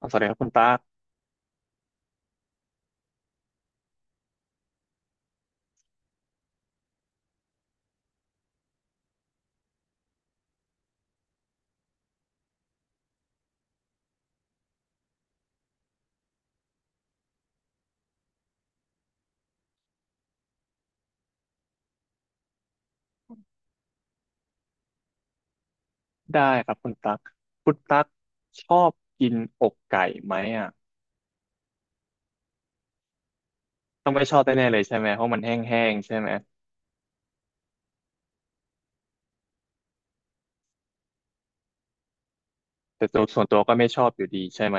อ๋อสวัสดีครับคุณตั๊กได้ครับคุณตั๊กคุณตั๊กชอบกินอกไก่ไหมอ่ะต้องไม่ชอบแน่ๆเลยใช่ไหมเพราะมันแห้งๆใช่ไหมแต่ตัวส่วนตัวก็ไม่ชอบอยู่ดีใช่ไหม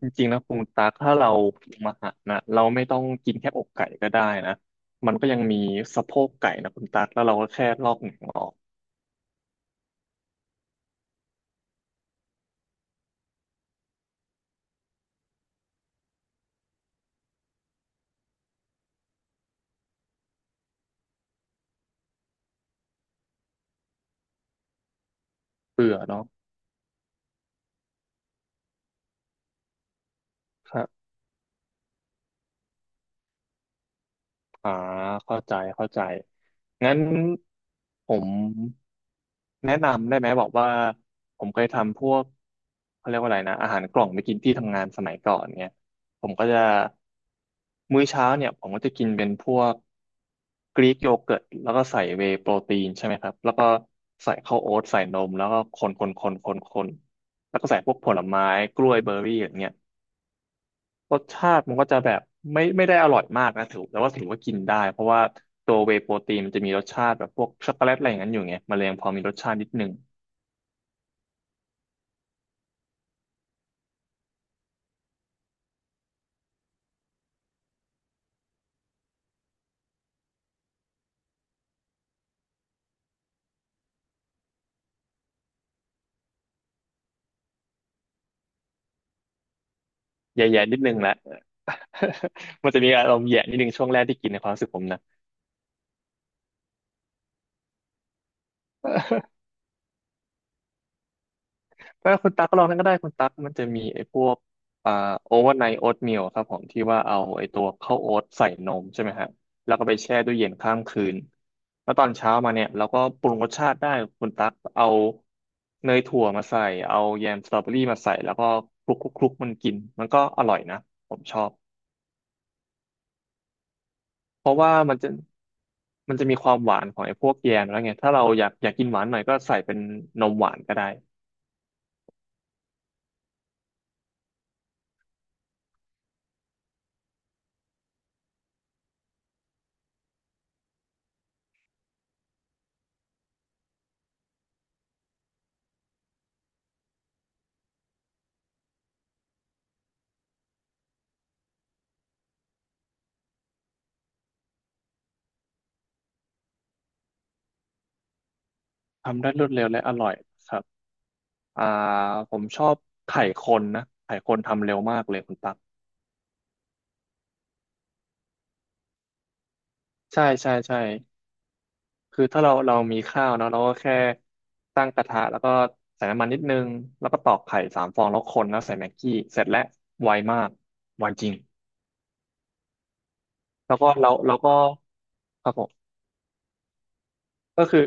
จริงๆนะคุณตั๊กถ้าเราปรุงอาหารนะเราไม่ต้องกินแค่อกไก่ก็ได้นะมันก็ยังมีสะโพกไก่นะคุณตั๊กแล้วเราก็แค่ลอกหนังออกเปลือกเนาะ อ่าเข้าใจเข้าใจงั้นผมแนะนำได้ไหมบอกว่าผมเคยทำพวกเขาเรียกว่าอะไรนะอาหารกล่องไปกินที่ทำงานสมัยก่อนเนี่ยผมก็จะมื้อเช้าเนี่ยผมก็จะกินเป็นพวกกรีกโยเกิร์ตแล้วก็ใส่เวย์โปรตีนใช่ไหมครับแล้วก็ใส่ข้าวโอ๊ตใส่นมแล้วก็คนแล้วก็ใส่พวกผลไม้กล้วยเบอร์รี่อย่างเงี้ย รสชาติมันก็จะแบบไม่ได้อร่อยมากนะถือแต่ว่าถือว่ากินได้เพราะว่าตัวเวย์โปรตีนมันจะมีรสชาติแบบพวกช็อกโกแลตอะไรอย่างนั้นอยู่ไงมันเลยยังพอมีรสชาตินิดนึงแย่ๆนิดนึงแหละ มันจะมีอารมณ์แย่นิดนึงช่วงแรกที่กินในความรู้สึกผมนะ ถ้าคุณตั๊กก็ลองนั่นก็ได้คุณตั๊กมันจะมีไอ้พวกอ่าโอเวอร์ไนท์โอ๊ตมลครับผมที่ว่าเอาไอ้ตัวข้าวโอ๊ตใส่นมใช่ไหมฮะแล้วก็ไปแช่ตู้เย็นข้ามคืนแล้วตอนเช้ามาเนี่ยเราก็ปรุงรสชาติได้คุณตั๊กเอาเนยถั่วมาใส่เอาแยมสตรอเบอรี่มาใส่แล้วก็คลุกมันกินมันก็อร่อยนะผมชอบเพราะว่ามันจะมีความหวานของไอ้พวกแยมแล้วไงถ้าเราอยากกินหวานหน่อยก็ใส่เป็นนมหวานก็ได้ทำได้รวดเร็วและอร่อยครับ อ่าผมชอบไข่คนนะไข่คนทำเร็วมากเลยคุณตั๊กใช่ใช่ใช่คือถ้าเรามีข้าวเนาะเราก็แค่ตั้งกระทะแล้วก็ใส่น้ำมันนิดนึงแล้วก็ตอกไข่3 ฟองแล้วคนแล้วใส่แม็กกี้เสร็จแล้วไวมากไวจริงแล้วก็เราก็ครับผม ก็คือ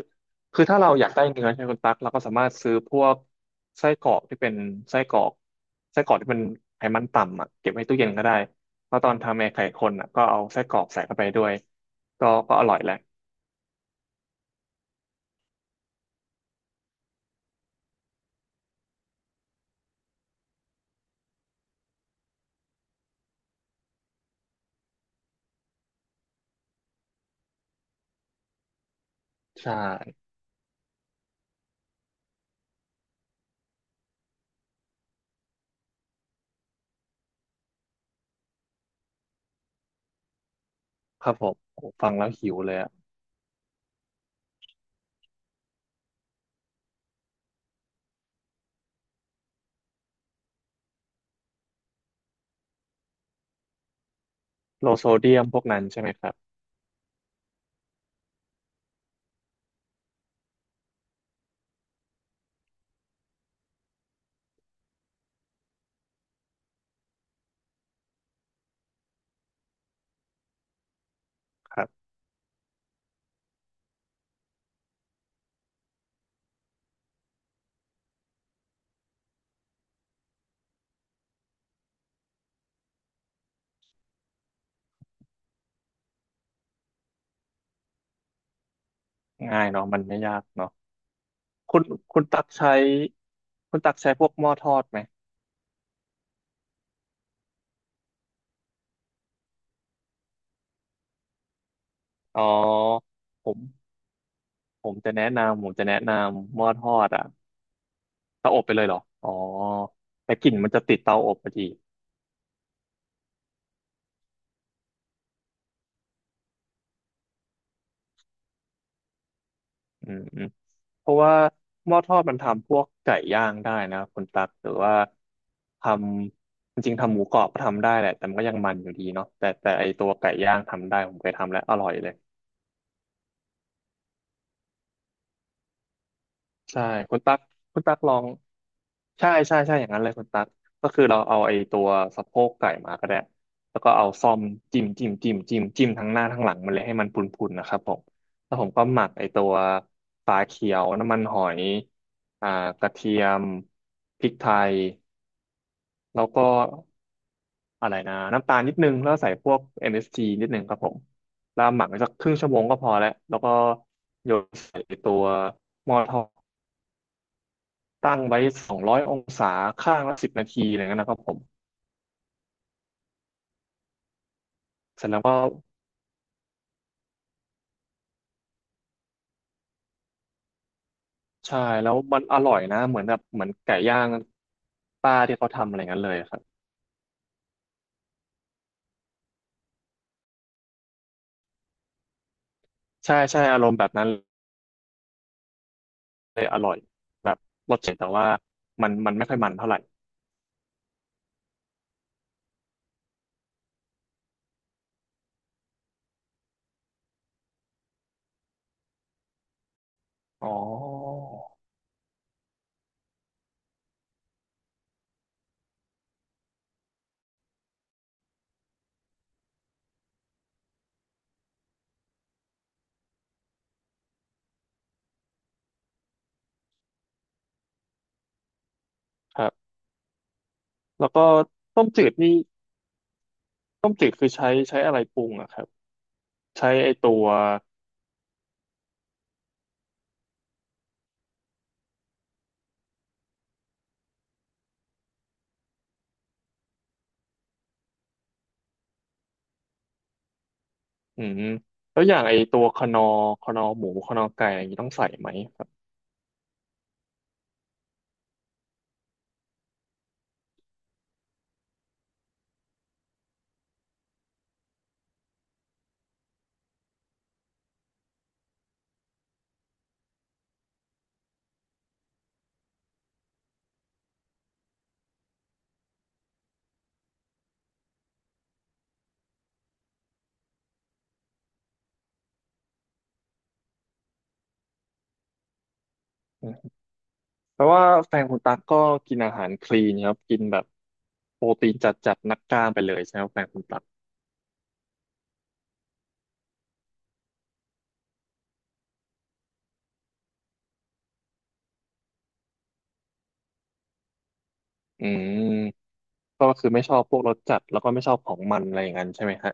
คือถ้าเราอยากได้เนื้อใช่ไหมคุณตั๊กเราก็สามารถซื้อพวกไส้กรอกที่เป็นไส้กรอกไส้กรอกที่เป็นไขมันต่ำอ่ะเก็บไว้ตู้เย็นก็ได้แล้วตอนทำแอร์ไข่คนอ่ะก็เอาไส้กรอกใส่เข้าไปด้วยก็อร่อยแหละใช่ครับผมโอ้ฟังแล้วหิวเลยอะโลโซเดียมพวกนั้นใช่ไหมครับครับง่ายเนาะมันไม่ยากเนาะคุณคุณตักใช้คุณตักใช้พวกหม้อทอดไหมอ๋อผมผมจะแนะนำผมจะแนะนำหม้อทอดอ่ะ เตาอบไปเลยเหรออ๋อแต่กลิ่นมันจะติดเตาอบพอดีอืมอืมเพราะว่าหม้อทอดมันทำพวกไก่ย่างได้นะคุณตักหรือว่าทำจริงๆทำหมูกรอบก็ทำได้แหละ แต่มันก็ยังมันอยู่ดีเนาะแต่ไอตัวไก่ย่างทำได้ ผมเคยทำแล้วอร่อยเลย ใช่คุณตั๊กคุณตั๊กลองใช่ใช่ใช่อย่างนั้นเลยคุณตั๊กก็คือเราเอาไอ้ตัวสะโพกไก่มาก็ได้แล้วก็เอาซ่อมจิ้มทั้งหน้าทั้งหลังมันเลยให้มันพุนๆนะครับผมแล้วผมก็หมักไอ้ตัวปลาเขียวน้ำมันหอยอ่ากระเทียมพริกไทยแล้วก็อะไรนะน้ำตาลนิดนึงแล้วใส่พวกเอ็มเอส s g นิดนึงครับผมแล้วหมักไว้สักครึ่งชั่วโมงก็พอแล้วแล้วก็โยนใส่ไอ้ตัวหม้อทอด ตั้งไว้200 องศาข้างละ10 นาทีอะไรเงี้ยนะครับผมเสร็จแล้วก็ใช่แล้วมันอร่อยนะเหมือนแบบเหมือนไก่ย่างป้าที่เขาทำอะไรเงี้ยเลยครับใช่ใช่อารมณ์แบบนั้นเลยอร่อยแบบรสเจ็ดแต่ว่ามันไม่ค่อยมันเท่าไหร่อ๋อครับแล้วก็ต้มจืดนี่ต้มจืดคือใช้อะไรปรุงอะครับใช้ไอตัวอืมแล้วอย่างไอตัวคนอร์หมูคนอร์ไก่อะไรอย่างนี้ต้องใส่ไหมครับ แปลว่าแฟนคุณตั๊กก็กินอาหารคลีนครับกินแบบโปรตีนจัดนักกล้ามไปเลยใช่ไหมครับแฟนคุณตั๊กอืมก็คือไม่ชอบพวกรสจัดแล้วก็ไม่ชอบของมันอะไรอย่างนั้นใช่ไหมฮะ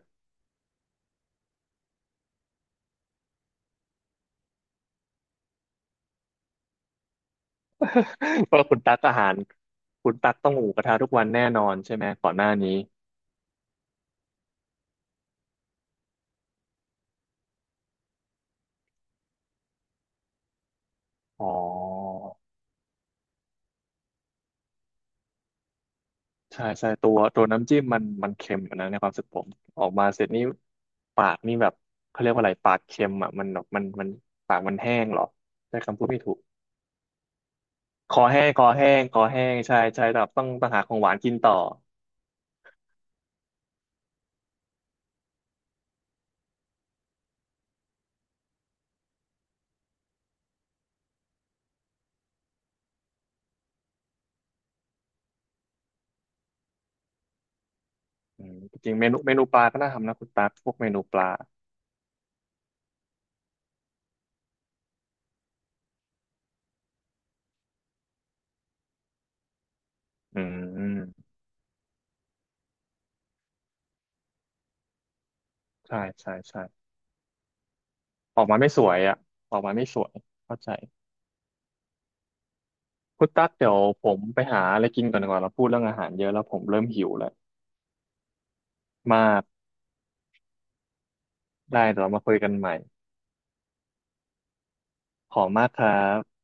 เพราะว่าคุณตั๊กอาหารคุณตั๊กต้องหมูกระทะทุกวันแน่นอนใช่ไหมก่อนหน้านี้อ๋อใช่ใช่ตัวน้ำจิ้มมันเค็มอยนะในความรู้สึกผมออกมาเสร็จนี่ปากนี่แบบเขาเรียกว่าอะไรปากเค็มอ่ะมันแบบมันปากมันแห้งเหรอใช้คำพูดไม่ถูก คอแห้งใช่ใช่แต่ต้องหาของหวานกินต่ออืมจริงๆเมนูปลาก็น่าทำนะคุณตั๊กพวกเมนูปลาอืมใช่ใช่ใช่ออกมาไม่สวยอ่ะออกมาไม่สวยเข้าใจคุณตั๊กเดี๋ยวผมไปหาอะไรกินก่อนดีกว่าเราพูดเรื่องอาหารเยอะแล้วผมเริ่มหิวแล้วมากได้เดี๋ยวเรามาคุยกันใหม่ขอบคุณมากครับ